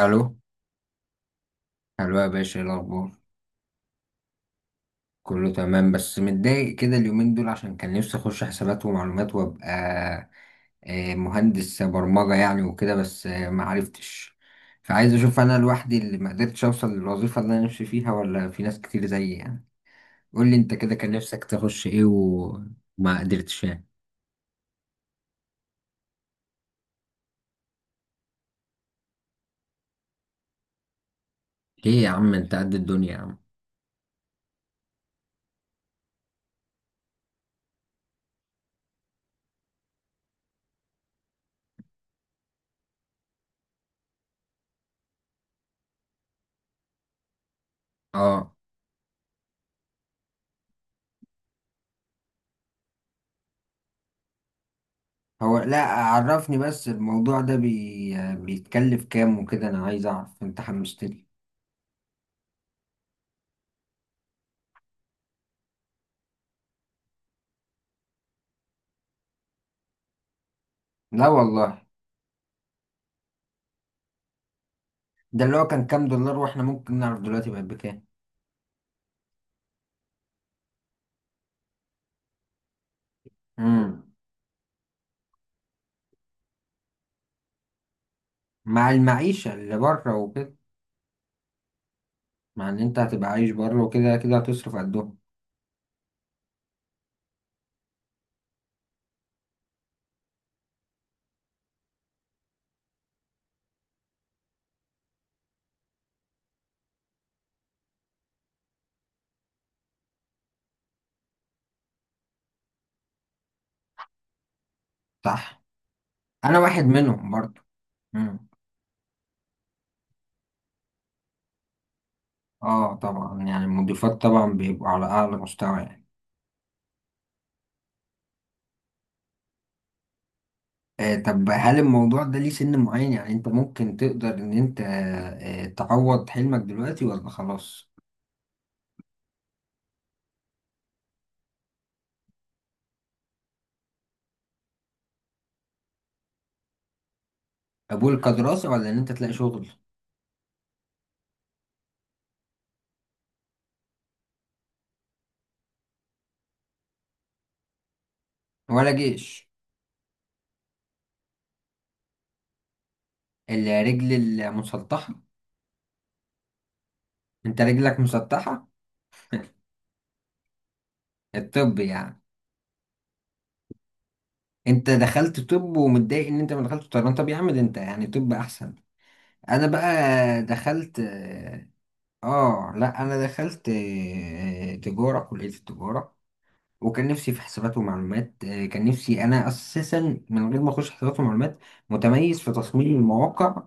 الو، الو يا باشا، ايه الاخبار؟ كله تمام، بس متضايق كده اليومين دول عشان كان نفسي اخش حسابات ومعلومات وابقى مهندس برمجة يعني وكده، بس ما عرفتش، فعايز اشوف انا لوحدي اللي ما قدرتش اوصل للوظيفة اللي انا نفسي فيها، ولا في ناس كتير زيي يعني. قول لي انت، كده كان نفسك تخش ايه وما قدرتش يعني؟ ليه يا عم، انت قد الدنيا يا عم. اه، هو لا عرفني، بس الموضوع ده بي... آه، بيتكلف كام وكده، انا عايز اعرف، انت حمستني. لا والله، ده اللي هو كان كام دولار، واحنا ممكن نعرف دلوقتي بقت بكام؟ امم. مع المعيشة اللي بره وكده. مع ان انت هتبقى عايش بره وكده كده هتصرف قدهم. صح. انا واحد منهم برضه. امم. اه طبعا، يعني المضيفات طبعا بيبقوا على اعلى مستوى يعني. آه طب، هل الموضوع ده ليه سن معين يعني؟ انت ممكن تقدر ان انت تعوض حلمك دلوقتي، ولا خلاص؟ قبول كدراسة، ولا ان انت تلاقي شغل؟ ولا جيش. الرجل المسطحة. انت رجلك مسطحة. الطب يعني، انت دخلت طب ومتضايق ان انت ما دخلتش طيران؟ طب يا عم، ده انت يعني طب احسن. انا بقى دخلت، اه لا، انا دخلت تجارة، كلية التجارة. وكان نفسي في حسابات ومعلومات، كان نفسي انا اساسا من غير ما اخش حسابات ومعلومات، متميز في تصميم المواقع،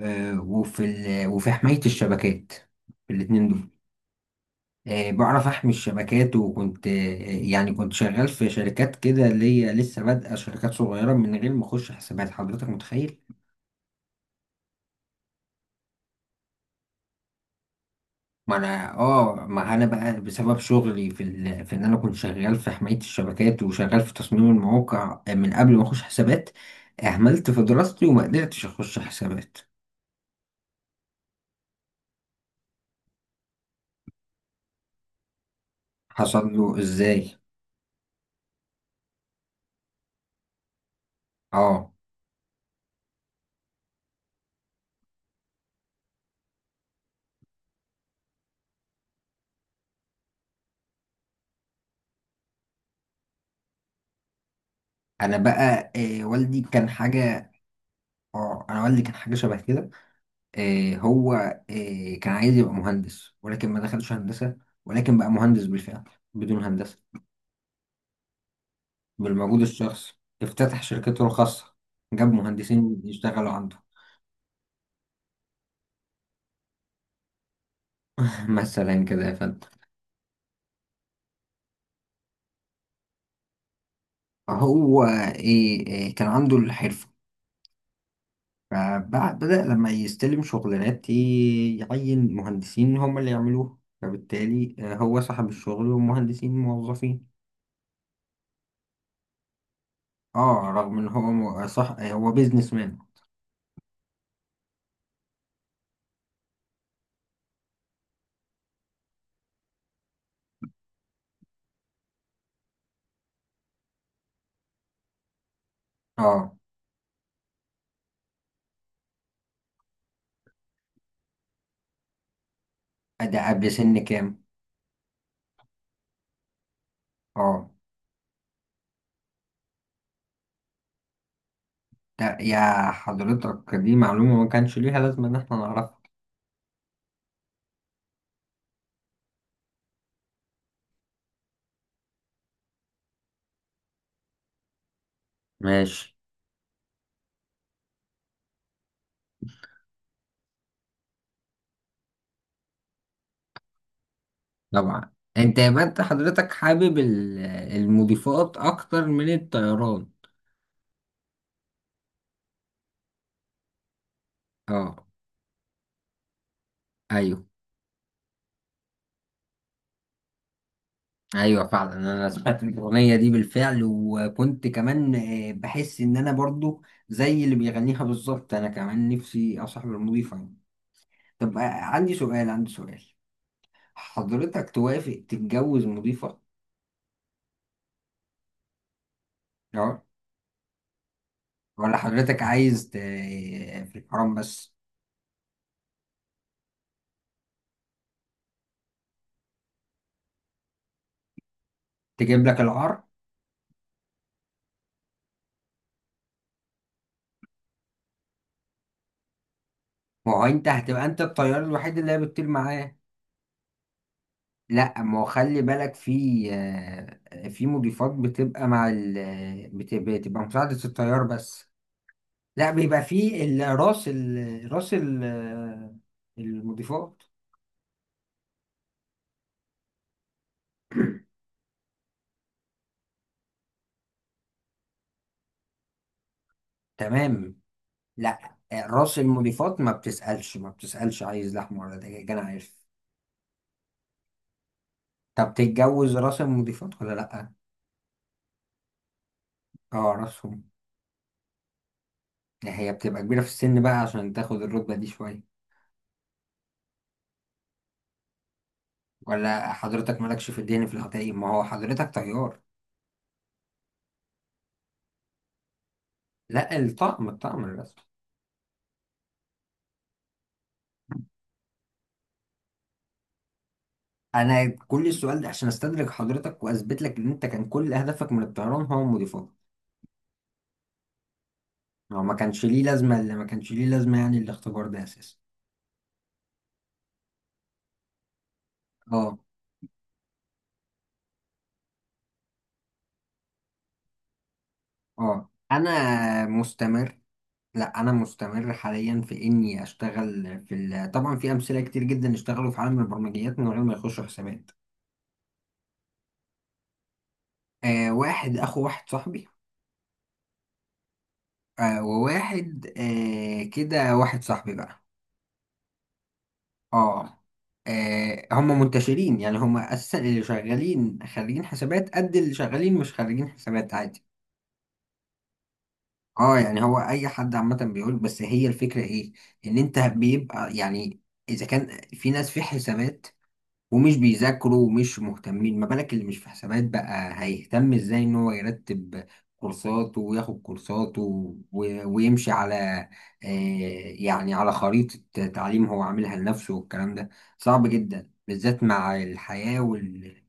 وفي حماية الشبكات، الاتنين دول. بعرف احمي الشبكات، وكنت يعني كنت شغال في شركات كده، اللي هي لسه بادئه، شركات صغيره، من غير ما اخش حسابات. حضرتك متخيل؟ ما انا بقى بسبب شغلي في ان انا كنت شغال في حمايه الشبكات وشغال في تصميم المواقع، من قبل ما اخش حسابات، اهملت في دراستي وما قدرتش اخش حسابات. حصل له ازاي؟ اه. انا بقى والدي كان حاجه، اه انا والدي كان حاجه شبه كده. هو كان عايز يبقى مهندس، ولكن ما دخلش هندسة، ولكن بقى مهندس بالفعل بدون هندسة. بالمجهود الشخصي افتتح شركته الخاصة، جاب مهندسين يشتغلوا عنده. مثلا كده يا فندم. هو إيه إيه، كان عنده الحرفة، فبدأ لما يستلم شغلانات، يعين مهندسين هم اللي يعملوه، فبالتالي هو صاحب الشغل، ومهندسين موظفين. اه رغم ان هو صح، هو بيزنس مان. اه. ده قبل سن كام؟ اه. ده يا حضرتك، دي معلومة ما كانش ليها لازمة ان احنا نعرفها. ماشي. طبعا انت، يبقى انت حضرتك حابب المضيفات اكتر من الطيران؟ اه. ايوه. ايوه فعلا، انا سمعت الاغنيه دي بالفعل، وكنت كمان بحس ان انا برضو زي اللي بيغنيها بالظبط، انا كمان نفسي اصاحب المضيفه يعني. طب عندي سؤال، عندي سؤال. حضرتك توافق تتجوز مضيفه؟ اه. ولا حضرتك عايز في الحرام بس؟ تجيب لك العار. ما هو انت هتبقى انت الطيار الوحيد اللي هي بتطير معاه. لا، ما هو خلي بالك، في في مضيفات بتبقى مع بتبقى مساعدة الطيار بس. لا، بيبقى في المضيفات. تمام. لا، راس المضيفات ما بتسألش، ما بتسألش عايز لحمة ولا دجاج، انا عارف. طب تتجوز راس المضيفات ولا لا؟ اه راسهم. هي بتبقى كبيرة في السن بقى عشان تاخد الرتبة دي شوية. ولا حضرتك مالكش في الدين؟ في الحقيقة ما هو حضرتك طيار. لا، الطقم، الطقم الرسمي. أنا كل السؤال ده عشان أستدرك حضرتك وأثبت لك إن أنت كان كل هدفك من الطيران هو مضيفات. هو ما كانش ليه لازمة، اللي ما كانش ليه لازمة يعني الاختبار ده أساسا. أه. أه أنا مستمر، لا أنا مستمر حاليا في إني أشتغل في طبعا في أمثلة كتير جدا اشتغلوا في عالم البرمجيات من غير ما يخشوا حسابات. آه واحد، أخو واحد صاحبي. آه وواحد، كده، واحد صاحبي بقى. اه, هم منتشرين، يعني هم اساسا اللي شغالين خريجين حسابات قد اللي شغالين مش خريجين حسابات، عادي. اه يعني هو اي حد عامه بيقول. بس هي الفكره ايه؟ ان انت بيبقى يعني، اذا كان في ناس في حسابات ومش بيذاكروا ومش مهتمين، ما بالك اللي مش في حسابات بقى، هيهتم ازاي ان هو يرتب كورساته وياخد كورساته ويمشي على آه، يعني على خريطة تعليم هو عاملها لنفسه، والكلام ده صعب جدا، بالذات مع الحياة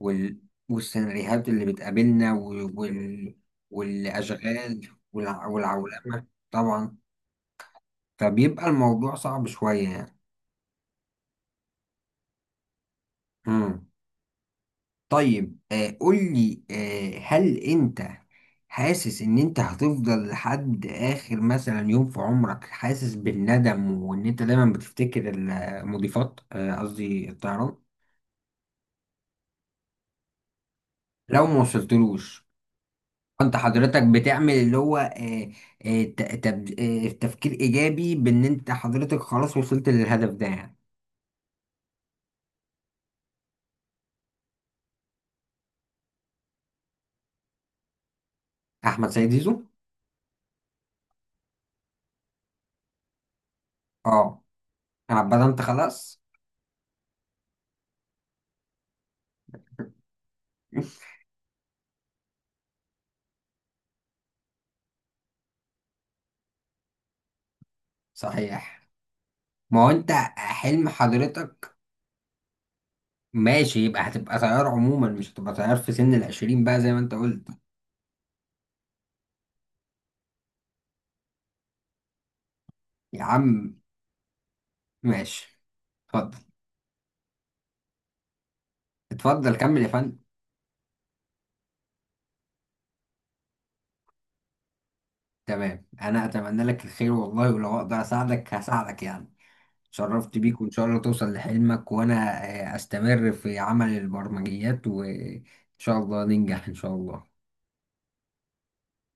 وال... والسيناريوهات اللي بتقابلنا والأشغال والعولمة طبعا، فبيبقى الموضوع صعب شوية يعني. مم. طيب قول لي، هل انت حاسس ان انت هتفضل لحد اخر مثلا يوم في عمرك حاسس بالندم، وان انت دايما بتفتكر المضيفات، قصدي الطيران؟ لو ما وصلتلوش؟ انت حضرتك بتعمل اللي هو تفكير ايجابي بان انت حضرتك خلاص وصلت للهدف ده يعني؟ احمد سيد زيزو؟ اه انا بدأت خلاص. صحيح. ما هو انت، حلم حضرتك. ماشي، يبقى هتبقى تيار عموما، مش هتبقى تيار في سن 20 بقى زي ما انت قلت. يا عم. ماشي. اتفضل. اتفضل كمل يا فندم. تمام، انا اتمنى لك الخير والله، ولو اقدر اساعدك هساعدك يعني. شرفت بيك، وان شاء الله توصل لحلمك، وانا استمر في عمل البرمجيات، وان شاء الله ننجح ان شاء الله.